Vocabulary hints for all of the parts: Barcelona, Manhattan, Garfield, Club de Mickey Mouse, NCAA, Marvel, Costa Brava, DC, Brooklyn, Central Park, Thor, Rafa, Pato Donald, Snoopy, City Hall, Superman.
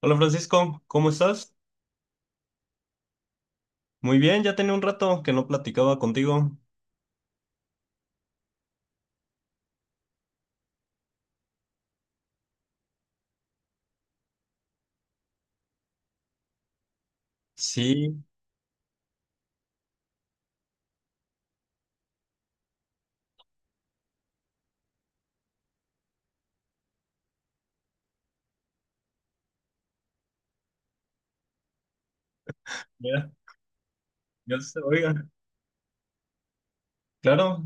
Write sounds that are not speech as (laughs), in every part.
Hola Francisco, ¿cómo estás? Muy bien, ya tenía un rato que no platicaba contigo. Sí, ya, oiga. Claro,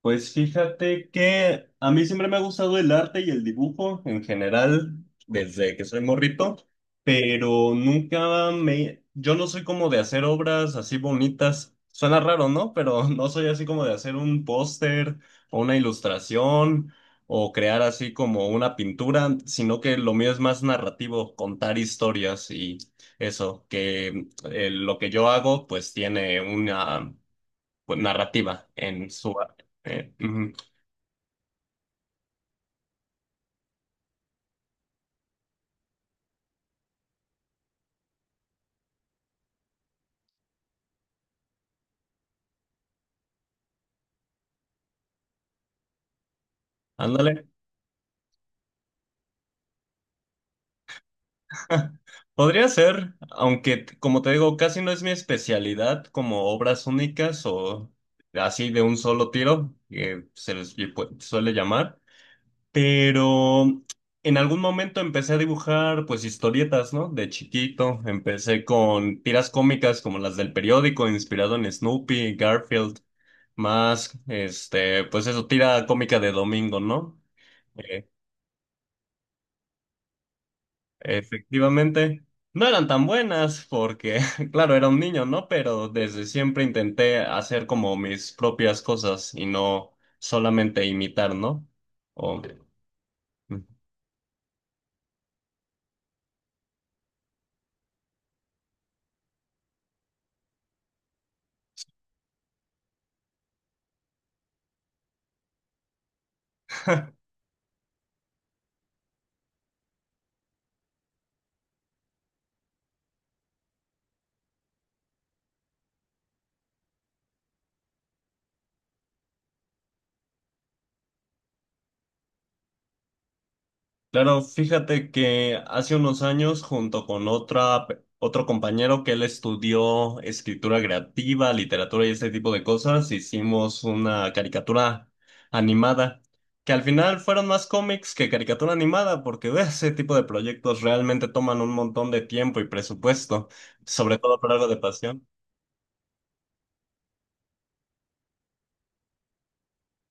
pues fíjate que a mí siempre me ha gustado el arte y el dibujo en general desde que soy morrito, pero nunca me... Yo no soy como de hacer obras así bonitas. Suena raro, ¿no? Pero (laughs) no soy así como de hacer un póster o una ilustración o crear así como una pintura, sino que lo mío es más narrativo, contar historias y eso, que lo que yo hago pues tiene una pues, narrativa en su... arte. Ándale. (laughs) Podría ser, como te digo, casi no es mi especialidad como obras únicas o así de un solo tiro, que se les lle- pu- suele llamar, pero en algún momento empecé a dibujar pues historietas, ¿no? De chiquito, empecé con tiras cómicas como las del periódico, inspirado en Snoopy, Garfield, más, este, pues eso, tira cómica de domingo, ¿no? Eh, Efectivamente, no eran tan buenas porque, (laughs) claro, era un niño, ¿no? Pero desde siempre intenté hacer como mis propias cosas y no solamente imitar, ¿no? O- mm. Claro, fíjate que hace unos años, junto con otro compañero que él estudió escritura creativa, literatura y ese tipo de cosas, hicimos una caricatura animada, que al final fueron más cómics que caricatura animada, porque de ese tipo de proyectos realmente toman un montón de tiempo y presupuesto, sobre todo por algo de pasión.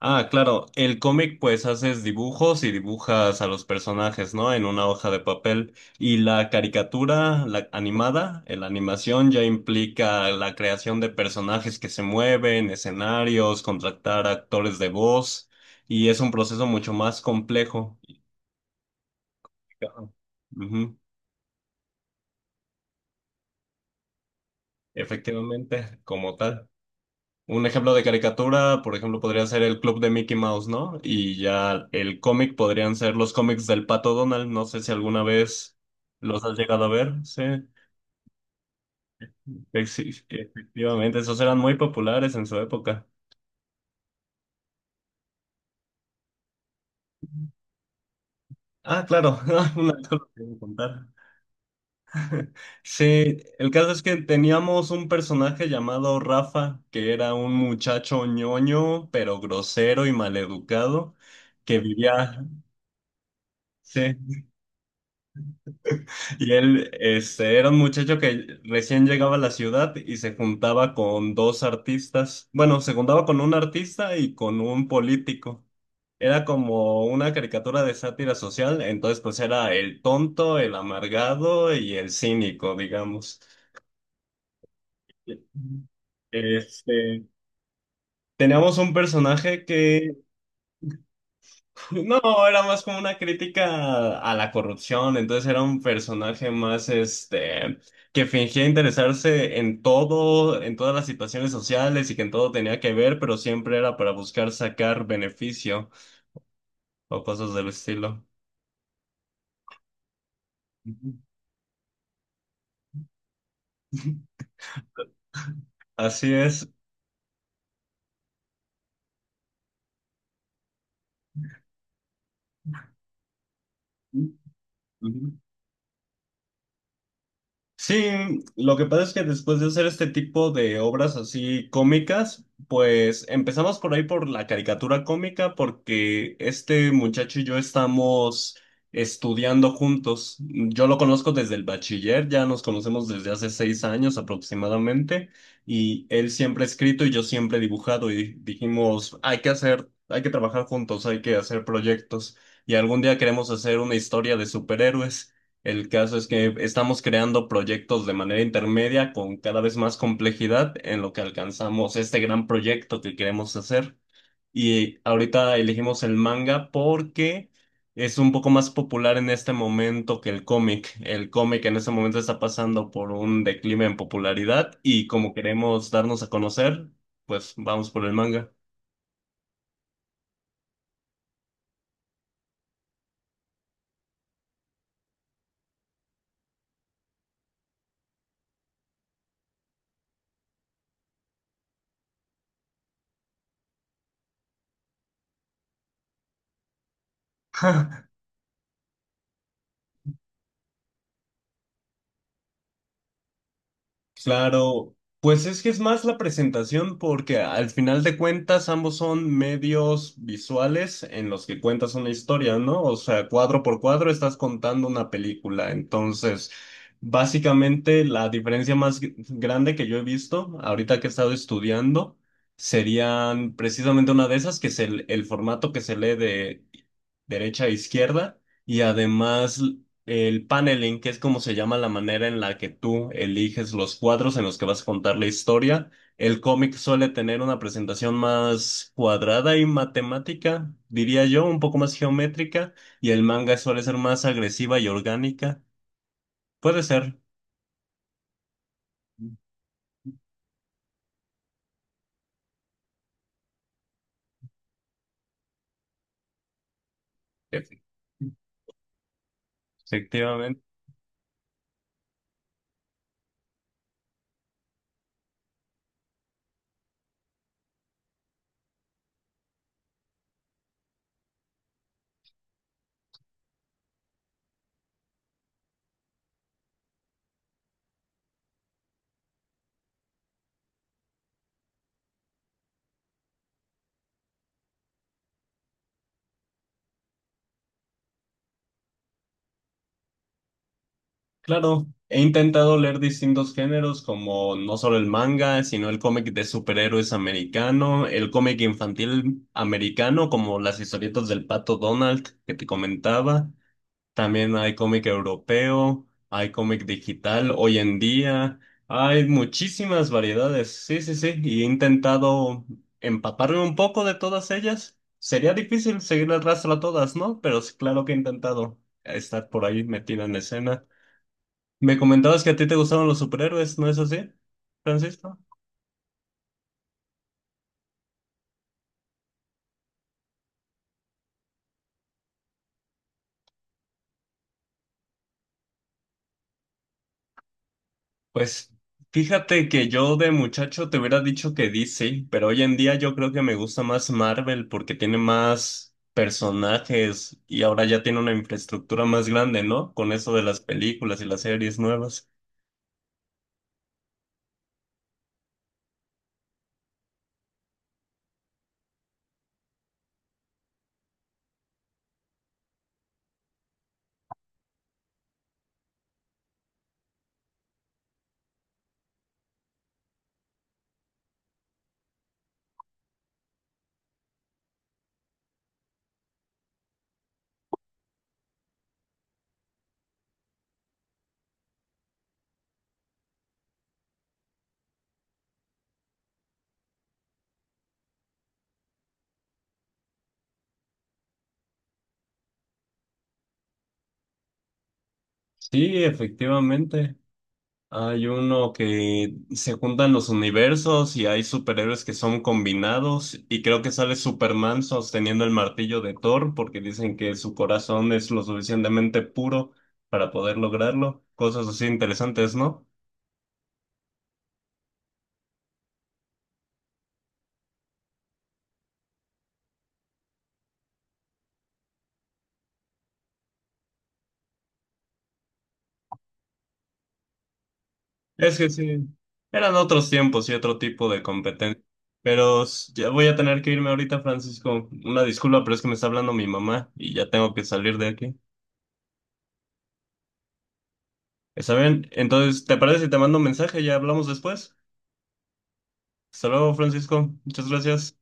Ah, claro, el cómic pues haces dibujos y dibujas a los personajes, ¿no? En una hoja de papel. Y la caricatura, la animada, la animación ya implica la creación de personajes que se mueven, escenarios, contratar actores de voz, y es un proceso mucho más complejo. Ujú. Efectivamente, como tal. Un ejemplo de caricatura, por ejemplo, podría ser el Club de Mickey Mouse, ¿no? Y ya el cómic podrían ser los cómics del Pato Donald. No sé si alguna vez los has llegado a ver. Sí, efectivamente, esos eran muy populares en su época. Ah, claro, (laughs) una cosa que debo contar. (laughs) Sí, el caso es que teníamos un personaje llamado Rafa, que era un muchacho ñoño, pero grosero y maleducado, que vivía... Sí. Y él este, era un muchacho que recién llegaba a la ciudad y se juntaba con dos artistas. Bueno, se juntaba con un artista y con un político. Era como una caricatura de sátira social, entonces pues era el tonto, el amargado y el cínico, digamos. Este, teníamos un personaje que... No, era más como una crítica a la corrupción, entonces era un personaje más este que fingía interesarse en todo, en todas las situaciones sociales y que en todo tenía que ver, pero siempre era para buscar sacar beneficio o cosas del estilo. Ujú. (laughs) Así es. Ujú. Sí, lo que pasa es que después de hacer este tipo de obras así cómicas, pues empezamos por ahí por la caricatura cómica porque este muchacho y yo estamos estudiando juntos. Yo lo conozco desde el bachiller, ya nos conocemos desde hace 6 años aproximadamente y él siempre ha escrito y yo siempre he dibujado y dijimos, hay que hacer, hay que trabajar juntos, hay que hacer proyectos y algún día queremos hacer una historia de superhéroes. El caso es que estamos creando proyectos de manera intermedia con cada vez más complejidad en lo que alcanzamos este gran proyecto que queremos hacer. Y ahorita elegimos el manga porque es un poco más popular en este momento que el cómic. El cómic en este momento está pasando por un declive en popularidad y como queremos darnos a conocer, pues vamos por el manga. (laughs) Claro, pues es que es más la presentación porque al final de cuentas ambos son medios visuales en los que cuentas una historia, ¿no? O sea, cuadro por cuadro estás contando una película. Entonces, básicamente la diferencia más grande que yo he visto ahorita que he estado estudiando serían precisamente una de esas, que es el formato que se lee de derecha a izquierda y además... El paneling, que es como se llama la manera en la que tú eliges los cuadros en los que vas a contar la historia. El cómic suele tener una presentación más cuadrada y matemática, diría yo, un poco más geométrica, y el manga suele ser más agresiva y orgánica. Puede ser, efectivamente. Claro, he intentado leer distintos géneros como no solo el manga, sino el cómic de superhéroes americano, el cómic infantil americano como las historietas del Pato Donald que te comentaba. También hay cómic europeo, hay cómic digital hoy en día, hay muchísimas variedades. Sí, sí, sí, y he intentado empaparme un poco de todas ellas. Sería difícil seguir el rastro a todas, ¿no? Pero sí, claro que he intentado estar por ahí metida en la escena. Me comentabas que a ti te gustaban los superhéroes, ¿no es así, Francisco? Pues fíjate que yo de muchacho te hubiera dicho que DC, pero hoy en día yo creo que me gusta más Marvel porque tiene más personajes y ahora ya tiene una infraestructura más grande, ¿no? Con eso de las películas y las series nuevas. Sí, efectivamente. Hay uno que se juntan los universos y hay superhéroes que son combinados y creo que sale Superman sosteniendo el martillo de Thor porque dicen que su corazón es lo suficientemente puro para poder lograrlo. Cosas así interesantes, ¿no? Es que sí, eran otros tiempos y otro tipo de competencia. Ya voy a tener que irme ahorita, Francisco. Una disculpa, pero es que me está hablando mi mamá y ya tengo que salir de aquí. ¿Está bien? Entonces, ¿te parece si te mando un mensaje? Ya hablamos después. Hasta luego, Francisco. Muchas gracias.